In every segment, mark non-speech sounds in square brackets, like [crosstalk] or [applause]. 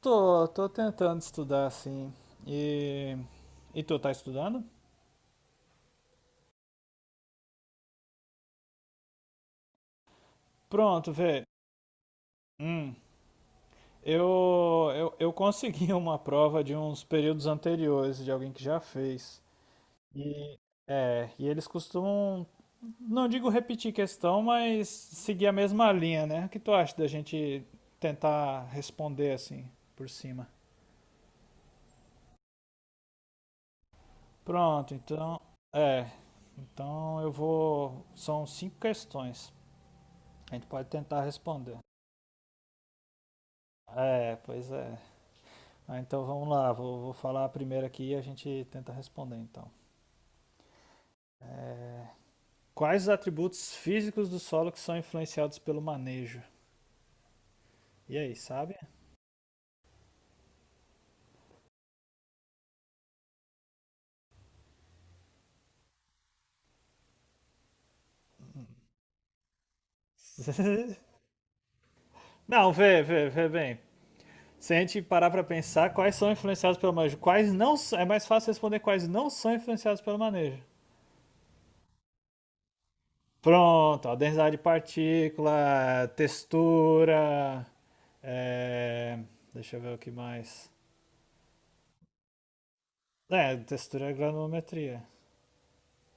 Tô, tô tentando estudar assim. E, e tu tá estudando? Pronto, vê. Hum, eu consegui [laughs] uma prova de uns períodos anteriores, de alguém que já fez. E, e eles costumam, não digo repetir questão, mas seguir a mesma linha, né? O que tu acha da gente tentar responder assim, por cima? Pronto, então, é. Então eu vou. São cinco questões. A gente pode tentar responder. É, pois é. Ah, então vamos lá, vou falar a primeira aqui e a gente tenta responder então. Quais os atributos físicos do solo que são influenciados pelo manejo? E aí, sabe? [laughs] Não, vê bem. Se a gente parar pra pensar, quais são influenciados pelo manejo? Quais não s- É mais fácil responder quais não são influenciados pelo manejo. Pronto, ó, densidade de partícula, textura. É, deixa eu ver o que mais. É, textura e granulometria.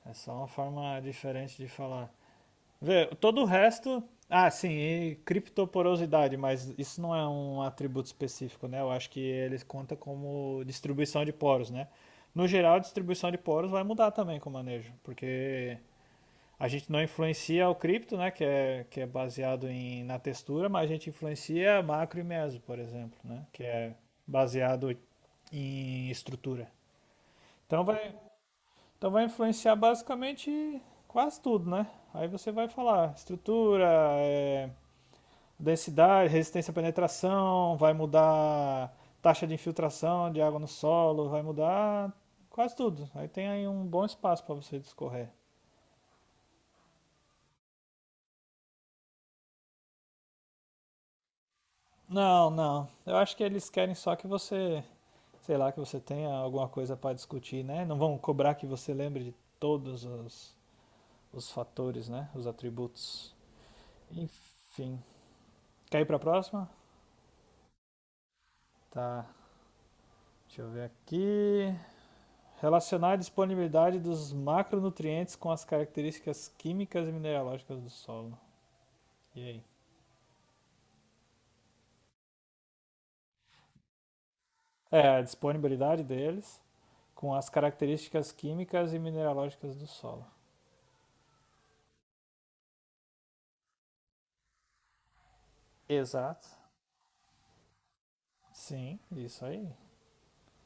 É só uma forma diferente de falar. Vê, todo o resto. Ah, sim, e criptoporosidade, mas isso não é um atributo específico, né? Eu acho que ele conta como distribuição de poros, né? No geral, a distribuição de poros vai mudar também com o manejo, porque a gente não influencia o cripto, né? Que é baseado na textura, mas a gente influencia macro e meso, por exemplo, né? Que é baseado em estrutura. Então vai, então vai influenciar basicamente quase tudo, né? Aí você vai falar estrutura, é, densidade, resistência à penetração, vai mudar taxa de infiltração de água no solo, vai mudar quase tudo. Aí tem aí um bom espaço para você discorrer. Não, não. Eu acho que eles querem só que você, sei lá, que você tenha alguma coisa para discutir, né? Não vão cobrar que você lembre de todos os, os fatores, né? Os atributos. Enfim. Quer ir para a próxima? Tá. Deixa eu ver aqui. Relacionar a disponibilidade dos macronutrientes com as características químicas e mineralógicas do solo. E aí? É, a disponibilidade deles com as características químicas e mineralógicas do solo. Exato. Sim, isso aí.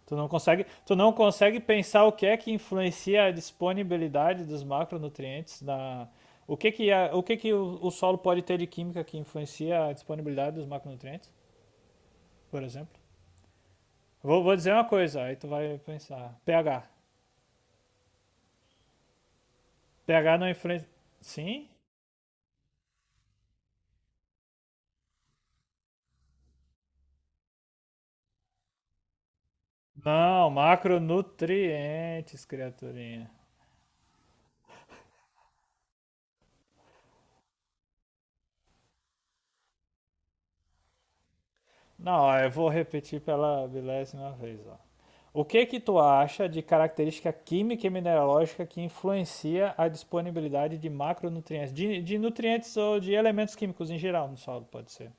Tu não consegue pensar o que é que influencia a disponibilidade dos macronutrientes na o que que o solo pode ter de química que influencia a disponibilidade dos macronutrientes, por exemplo? Vou dizer uma coisa, aí tu vai pensar. pH. pH não influencia. Sim? Não, macronutrientes, criaturinha. Não, ó, eu vou repetir pela milésima vez, ó. O que que tu acha de característica química e mineralógica que influencia a disponibilidade de macronutrientes, de nutrientes ou de elementos químicos em geral no solo, pode ser.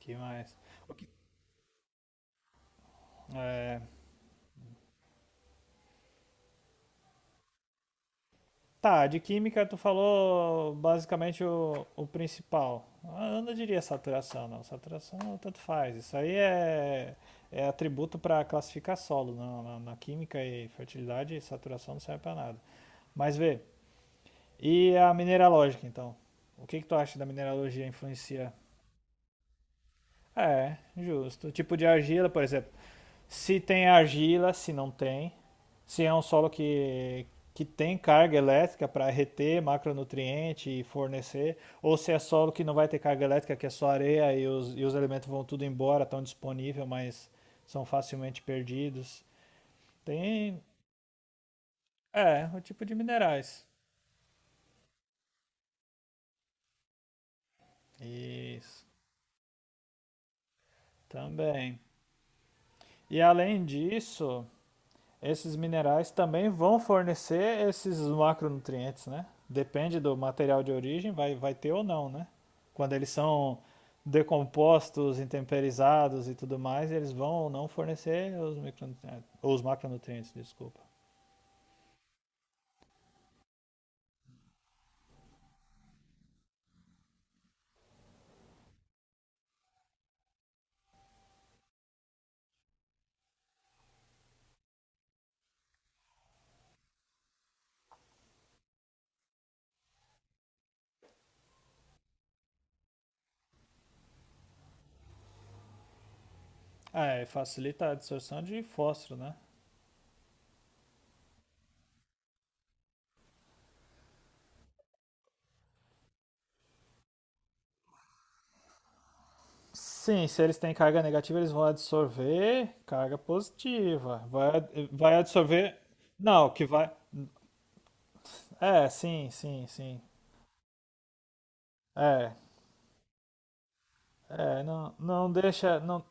Que mais? É, tá, de química tu falou basicamente o principal. Ah, eu não diria saturação, não. Saturação tanto faz. Isso aí é, é atributo para classificar solo. Na química e fertilidade, saturação não serve para nada. Mas vê, e a mineralógica, então? O que que tu acha da mineralogia influencia? É, justo. O tipo de argila, por exemplo. Se tem argila, se não tem. Se é um solo que tem carga elétrica para reter macronutriente e fornecer, ou se é solo que não vai ter carga elétrica, que é só areia e e os elementos vão tudo embora, estão disponíveis, mas são facilmente perdidos. Tem, é, o tipo de minerais. Isso, também. E além disso, esses minerais também vão fornecer esses macronutrientes, né? Depende do material de origem, vai ter ou não, né? Quando eles são decompostos, intemperizados e tudo mais, eles vão ou não fornecer micronutrientes, os macronutrientes, desculpa. Ah, é, facilita a absorção de fósforo, né? Sim, se eles têm carga negativa, eles vão absorver carga positiva. Vai, vai absorver. Não, que vai. É, sim, sim, sim. É, é, não, não deixa. Não,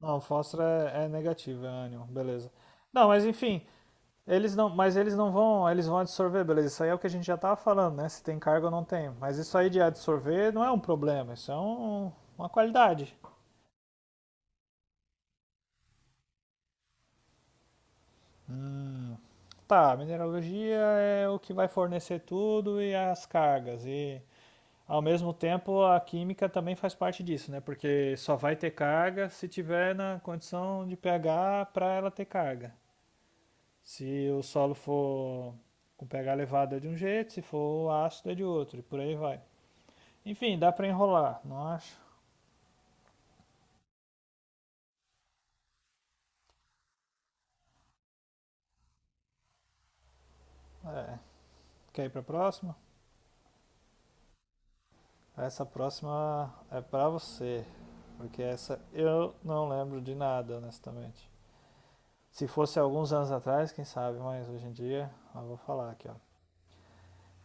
não, Foster é, é negativo, é ânion, beleza. Não, mas enfim, eles não, mas eles não vão, eles vão absorver, beleza. Isso aí é o que a gente já tava falando, né? Se tem carga ou não tem. Mas isso aí de absorver não é um problema, isso é um- uma qualidade. Tá, mineralogia é o que vai fornecer tudo e as cargas. E ao mesmo tempo a química também faz parte disso, né? Porque só vai ter carga se tiver na condição de pH para ela ter carga. Se o solo for com pH elevado é de um jeito, se for ácido é de outro, e por aí vai. Enfim, dá para enrolar, não acho? É. Quer ir para a próxima? Essa próxima é para você, porque essa eu não lembro de nada, honestamente. Se fosse alguns anos atrás, quem sabe, mas hoje em dia, eu vou falar aqui, ó.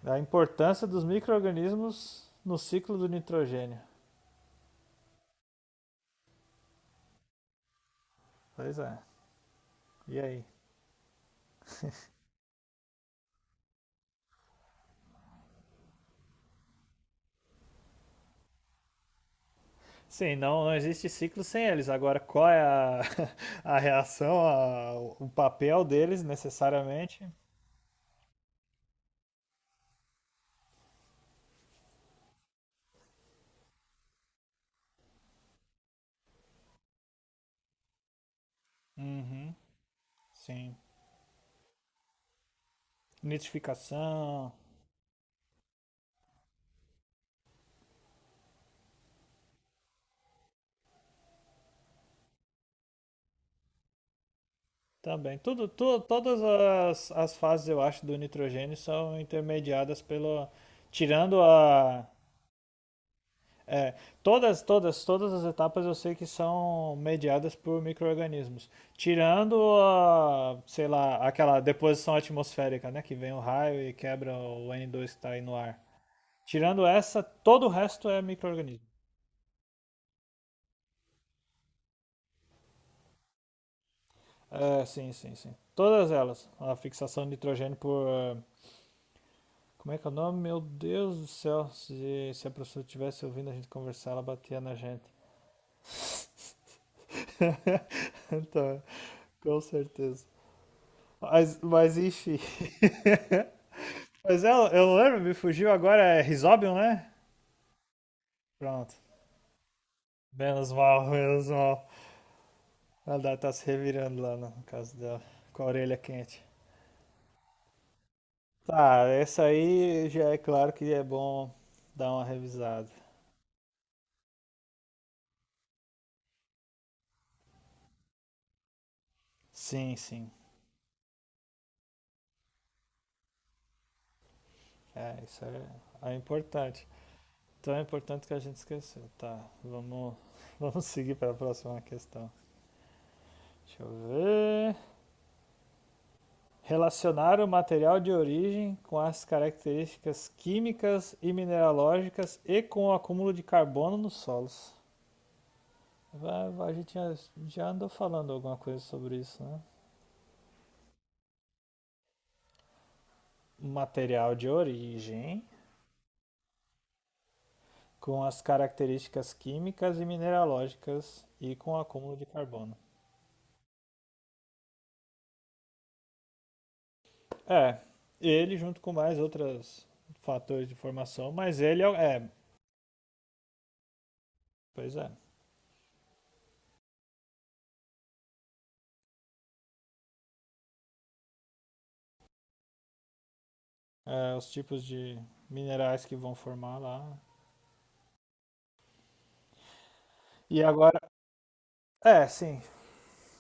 A importância dos micro-organismos no ciclo do nitrogênio. Pois é. E aí? Sim, não, não existe ciclo sem eles. Agora, qual é a, [laughs] a reação, a- o papel deles necessariamente? Uhum, sim. Nitrificação também. Tudo, tu- todas as, as fases, eu acho, do nitrogênio são intermediadas pelo. Tirando a, é, todas, todas, todas as etapas eu sei que são mediadas por micro-organismos. Tirando, a, sei lá, aquela deposição atmosférica, né? Que vem o raio e quebra o N2 que está aí no ar. Tirando essa, todo o resto é micro-organismo. É, sim, sim, sim. Todas elas. A fixação de nitrogênio por. É, como é que é o nome? Meu Deus do céu. Se a professora estivesse ouvindo a gente conversar, ela batia na gente. [laughs] Então, com certeza. Mas enfim. [laughs] Mas eu não lembro, me fugiu agora, é Risobium, né? Pronto. Menos mal, [laughs] menos mal. Ela tá se revirando lá no caso dela, com a orelha quente. Tá, essa aí já é claro que é bom dar uma revisada. Sim, sim. É, isso é, é importante. Então é importante que a gente esqueceu. Tá, vamos, [laughs] vamos seguir para a próxima questão. Deixa eu ver. Relacionar o material de origem com as características químicas e mineralógicas e com o acúmulo de carbono nos solos. A gente já andou falando alguma coisa sobre isso, né? Material de origem com as características químicas e mineralógicas e com o acúmulo de carbono. É, ele junto com mais outros fatores de formação, mas ele é, é pois é, é, os tipos de minerais que vão formar lá. E agora, é, sim,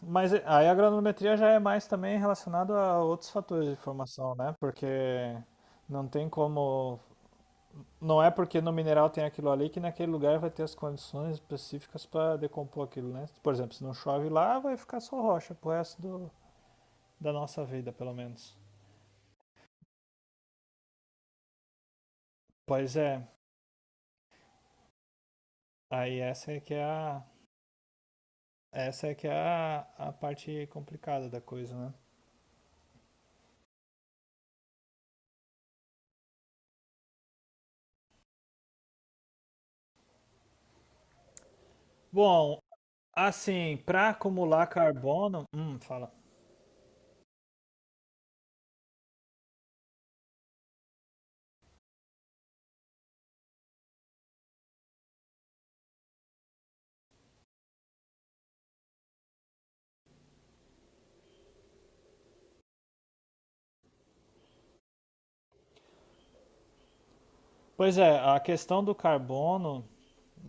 mas eh, aí a granulometria já é mais também relacionado a outros fatores de formação, né? Porque não tem como. Não é porque no mineral tem aquilo ali que naquele lugar vai ter as condições específicas para decompor aquilo, né? Por exemplo, se não chove lá, vai ficar só rocha pro resto do- da nossa vida, pelo menos. Pois é, aí essa é que é a, essa é que é a parte complicada da coisa, né? Bom, assim, para acumular carbono. Fala. Pois é, a questão do carbono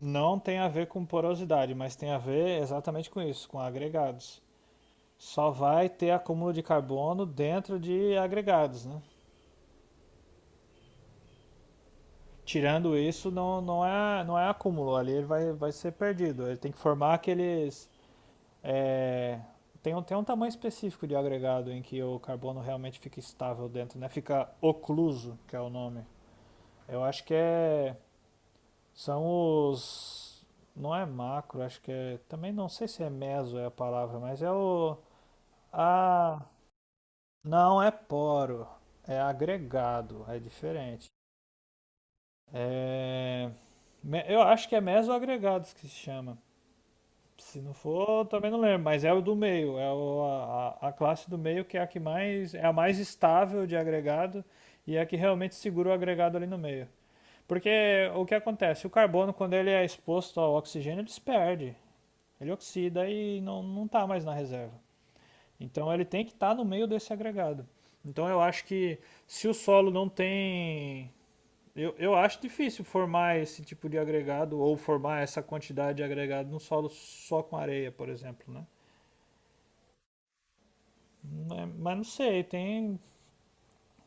não tem a ver com porosidade, mas tem a ver exatamente com isso, com agregados. Só vai ter acúmulo de carbono dentro de agregados, né? Tirando isso, não, não, é, não é acúmulo, ali ele vai, vai ser perdido. Ele tem que formar aqueles. É, tem um tamanho específico de agregado em que o carbono realmente fica estável dentro, né? Fica ocluso, que é o nome. Eu acho que é. São os. Não é macro, acho que é. Também não sei se é meso é a palavra, mas é o. Ah, não é poro, é agregado, é diferente. É... Eu acho que é mesoagregados que se chama. Se não for, eu também não lembro, mas é o do meio, é o- a classe do meio que é a que mais é a mais estável de agregado e é a que realmente segura o agregado ali no meio. Porque o que acontece? O carbono, quando ele é exposto ao oxigênio, ele se perde. Ele oxida e não, não tá mais na reserva. Então ele tem que estar no meio desse agregado. Então eu acho que se o solo não tem. Eu acho difícil formar esse tipo de agregado ou formar essa quantidade de agregado num solo só com areia, por exemplo, né? é- Mas não sei, tem,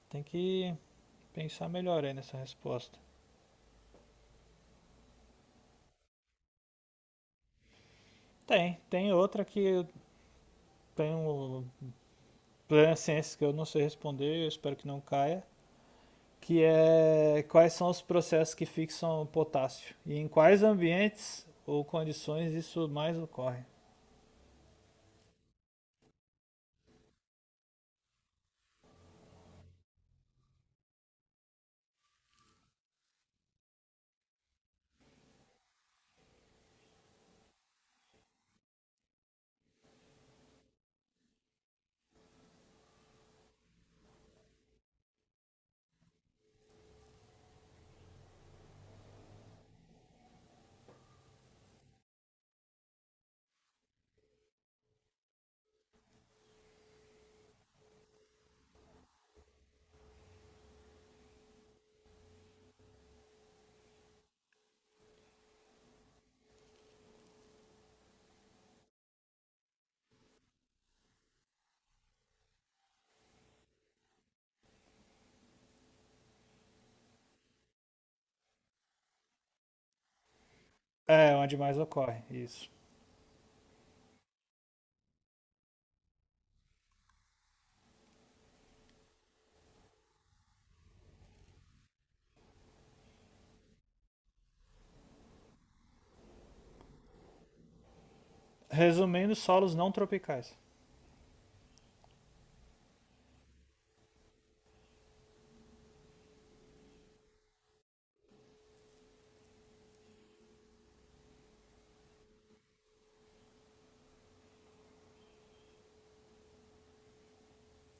tem que pensar melhor aí nessa resposta. Tem, tem outra que eu tenho plena ciência que eu não sei responder, eu espero que não caia, que é quais são os processos que fixam o potássio e em quais ambientes ou condições isso mais ocorre. É, onde mais ocorre, isso. Resumindo, solos não tropicais.